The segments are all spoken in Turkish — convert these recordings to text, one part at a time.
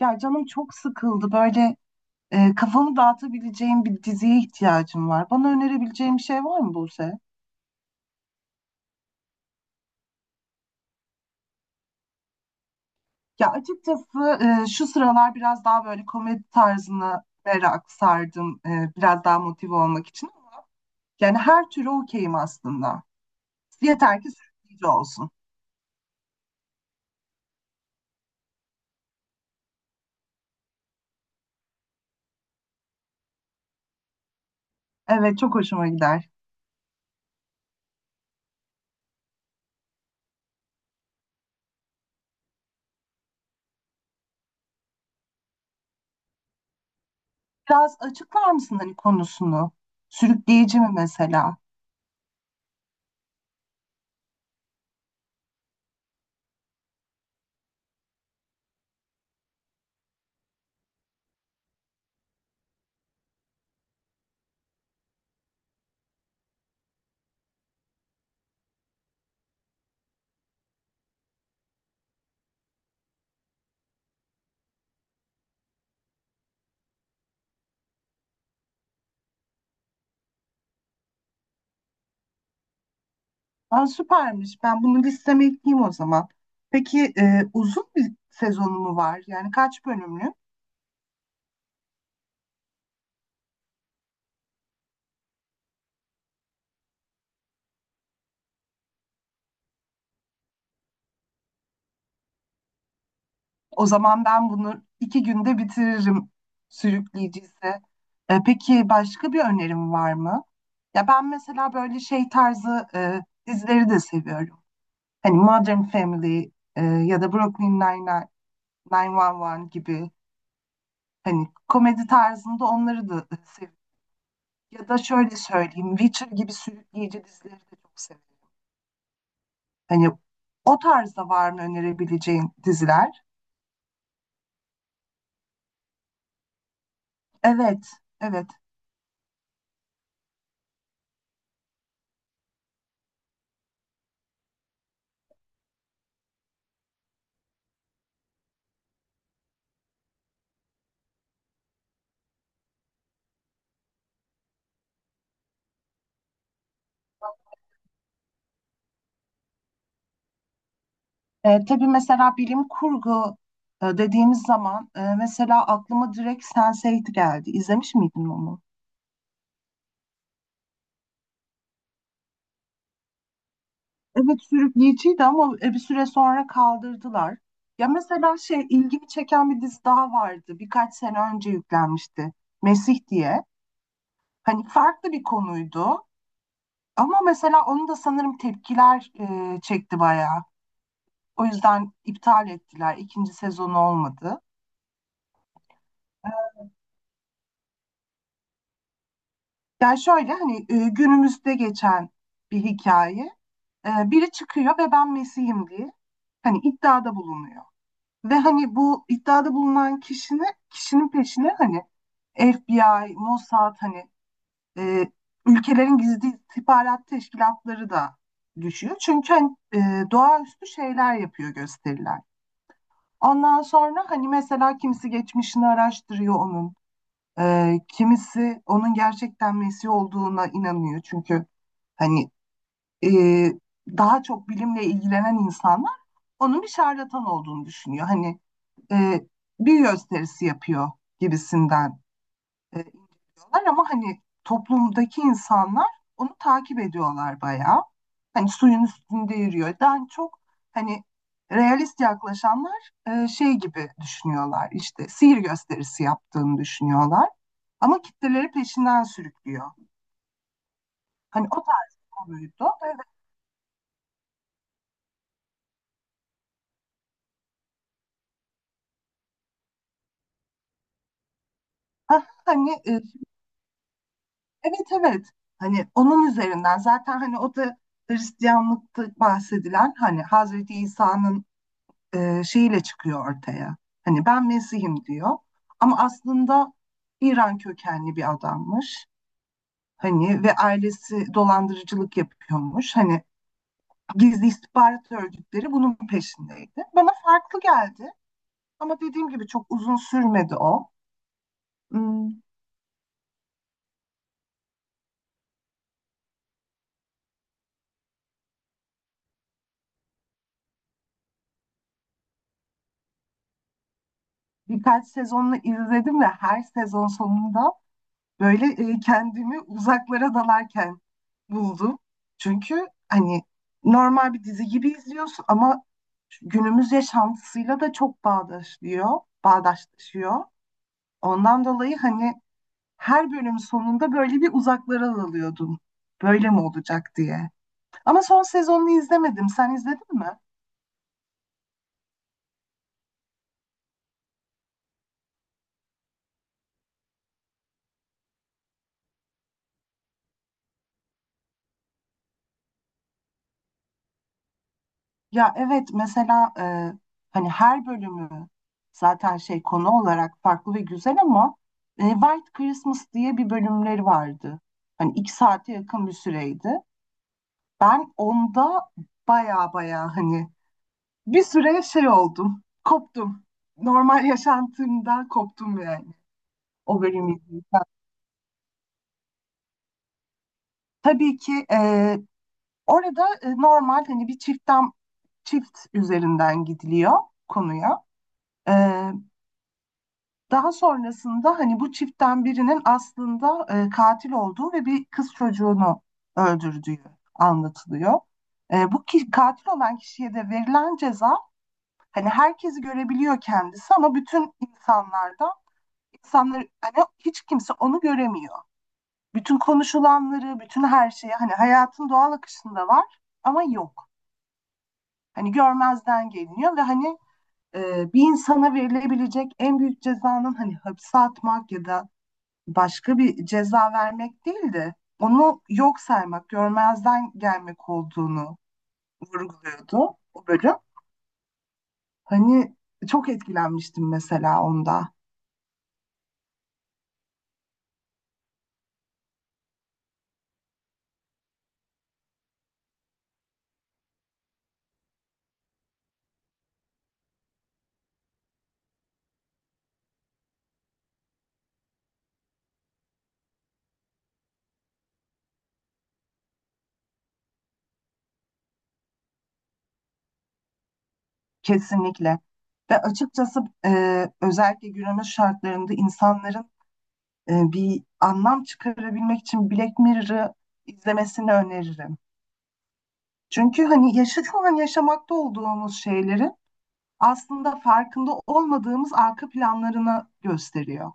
Ya canım çok sıkıldı. Böyle kafamı dağıtabileceğim bir diziye ihtiyacım var. Bana önerebileceğim bir şey var mı, Buse? Ya açıkçası şu sıralar biraz daha böyle komedi tarzına merak sardım. Biraz daha motive olmak için. Yani her türü okeyim aslında. Yeter ki sürükleyici olsun. Evet, çok hoşuma gider. Biraz açıklar mısın hani konusunu? Sürükleyici mi mesela? Aa, süpermiş. Ben bunu listeme ekleyeyim o zaman. Peki uzun bir sezonu mu var? Yani kaç bölümlü? O zaman ben bunu iki günde bitiririm sürükleyiciyse. Peki başka bir önerim var mı? Ya ben mesela böyle şey tarzı dizileri de seviyorum. Hani Modern Family ya da Brooklyn Nine-Nine, 911 gibi hani komedi tarzında onları da seviyorum. Ya da şöyle söyleyeyim, Witcher gibi sürükleyici dizileri de çok seviyorum. Hani o tarzda var mı önerebileceğin diziler? Evet, evet. Tabii, mesela bilim kurgu dediğimiz zaman mesela aklıma direkt Sense8 geldi. İzlemiş miydin onu? Evet, sürükleyiciydi ama bir süre sonra kaldırdılar. Ya mesela şey, ilgimi çeken bir dizi daha vardı. Birkaç sene önce yüklenmişti. Mesih diye. Hani farklı bir konuydu. Ama mesela onu da sanırım tepkiler çekti bayağı. O yüzden iptal ettiler. İkinci sezonu olmadı. Ee, Yani şöyle hani günümüzde geçen bir hikaye. Biri çıkıyor ve ben Mesih'im diye hani iddiada bulunuyor. Ve hani bu iddiada bulunan kişinin peşine hani FBI, Mossad hani e, ülkelerin gizli istihbarat teşkilatları da düşüyor. Çünkü hani, doğaüstü şeyler yapıyor, gösteriler. Ondan sonra hani mesela kimisi geçmişini araştırıyor onun. Kimisi onun gerçekten Mesih olduğuna inanıyor. Çünkü hani e, daha çok bilimle ilgilenen insanlar onun bir şarlatan olduğunu düşünüyor. Hani e, bir gösterisi yapıyor gibisinden e, diyorlar ama hani toplumdaki insanlar onu takip ediyorlar bayağı. Hani suyun üstünde yürüyor. Daha çok hani realist yaklaşanlar şey gibi düşünüyorlar, işte sihir gösterisi yaptığını düşünüyorlar. Ama kitleleri peşinden sürüklüyor. Hani o tarz bir konuydu. Evet. hani evet, evet. Hani onun üzerinden zaten, hani o da Hristiyanlıkta bahsedilen hani Hazreti İsa'nın şeyiyle çıkıyor ortaya. Hani ben Mesih'im diyor. Ama aslında İran kökenli bir adammış. Hani ve ailesi dolandırıcılık yapıyormuş. Hani gizli istihbarat örgütleri bunun peşindeydi. Bana farklı geldi. Ama dediğim gibi çok uzun sürmedi o. ım, Birkaç sezonunu izledim ve her sezon sonunda böyle kendimi uzaklara dalarken buldum. Çünkü hani normal bir dizi gibi izliyorsun ama günümüz yaşantısıyla da çok bağdaşlıyor, bağdaşlaşıyor. Ondan dolayı hani her bölüm sonunda böyle bir uzaklara dalıyordum. Böyle mi olacak diye. Ama son sezonunu izlemedim. Sen izledin mi? Ya evet, mesela hani her bölümü zaten şey, konu olarak farklı ve güzel ama White Christmas diye bir bölümleri vardı. Hani iki saate yakın bir süreydi. Ben onda baya baya hani bir süre şey oldum, koptum. Normal yaşantımdan koptum yani o bölümü izlerken. Tabii ki orada normal hani bir çiftten, çift üzerinden gidiliyor konuya. E, Daha sonrasında hani bu çiftten birinin aslında katil olduğu ve bir kız çocuğunu öldürdüğü anlatılıyor. Bu ki, katil olan kişiye de verilen ceza, hani herkesi görebiliyor kendisi ama bütün insanlarda, insanlar hani hiç kimse onu göremiyor. Bütün konuşulanları, bütün her şeyi hani hayatın doğal akışında var ama yok. Hani görmezden geliniyor ve hani bir insana verilebilecek en büyük cezanın hani hapse atmak ya da başka bir ceza vermek değil de onu yok saymak, görmezden gelmek olduğunu vurguluyordu o bölüm. Hani çok etkilenmiştim mesela onda. Kesinlikle. Ve açıkçası özellikle günümüz şartlarında insanların bir anlam çıkarabilmek için Black Mirror'ı izlemesini öneririm. Çünkü hani yaşa, şu an yaşamakta olduğumuz şeylerin aslında farkında olmadığımız arka planlarını gösteriyor.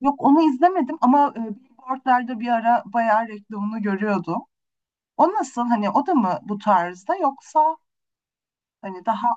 Yok, onu izlemedim ama billboardlarda bir ara bayağı reklamını görüyordum. O nasıl, hani o da mı bu tarzda yoksa hani daha...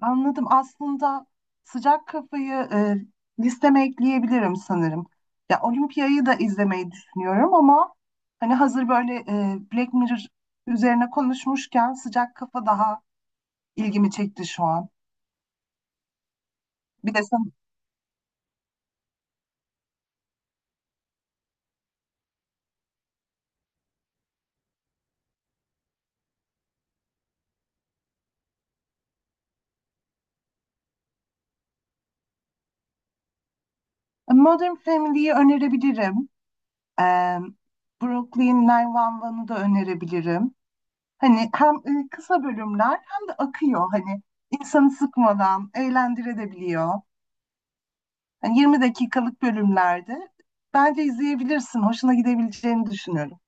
Anladım. Aslında sıcak kafayı listeme ekleyebilirim sanırım. Ya Olimpiyayı da izlemeyi düşünüyorum ama hani hazır böyle Black Mirror üzerine konuşmuşken sıcak kafa daha ilgimi çekti şu an. Bir de sen Modern Family'yi önerebilirim. E, Brooklyn Nine-One'u da önerebilirim. Hani hem kısa bölümler hem de akıyor, hani insanı sıkmadan eğlendirebiliyor. Yani 20 dakikalık bölümlerde. Bence izleyebilirsin. Hoşuna gidebileceğini düşünüyorum.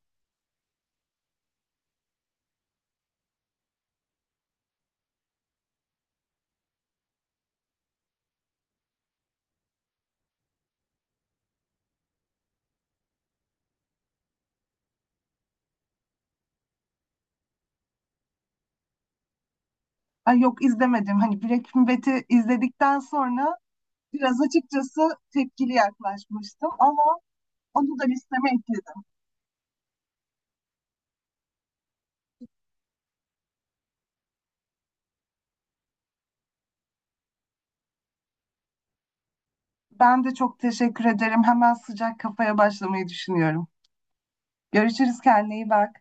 Ay, yok izlemedim. Hani Breaking Bad'i izledikten sonra biraz açıkçası tepkili yaklaşmıştım ama onu da listeme ekledim. Ben de çok teşekkür ederim. Hemen sıcak kafaya başlamayı düşünüyorum. Görüşürüz, kendine iyi bak.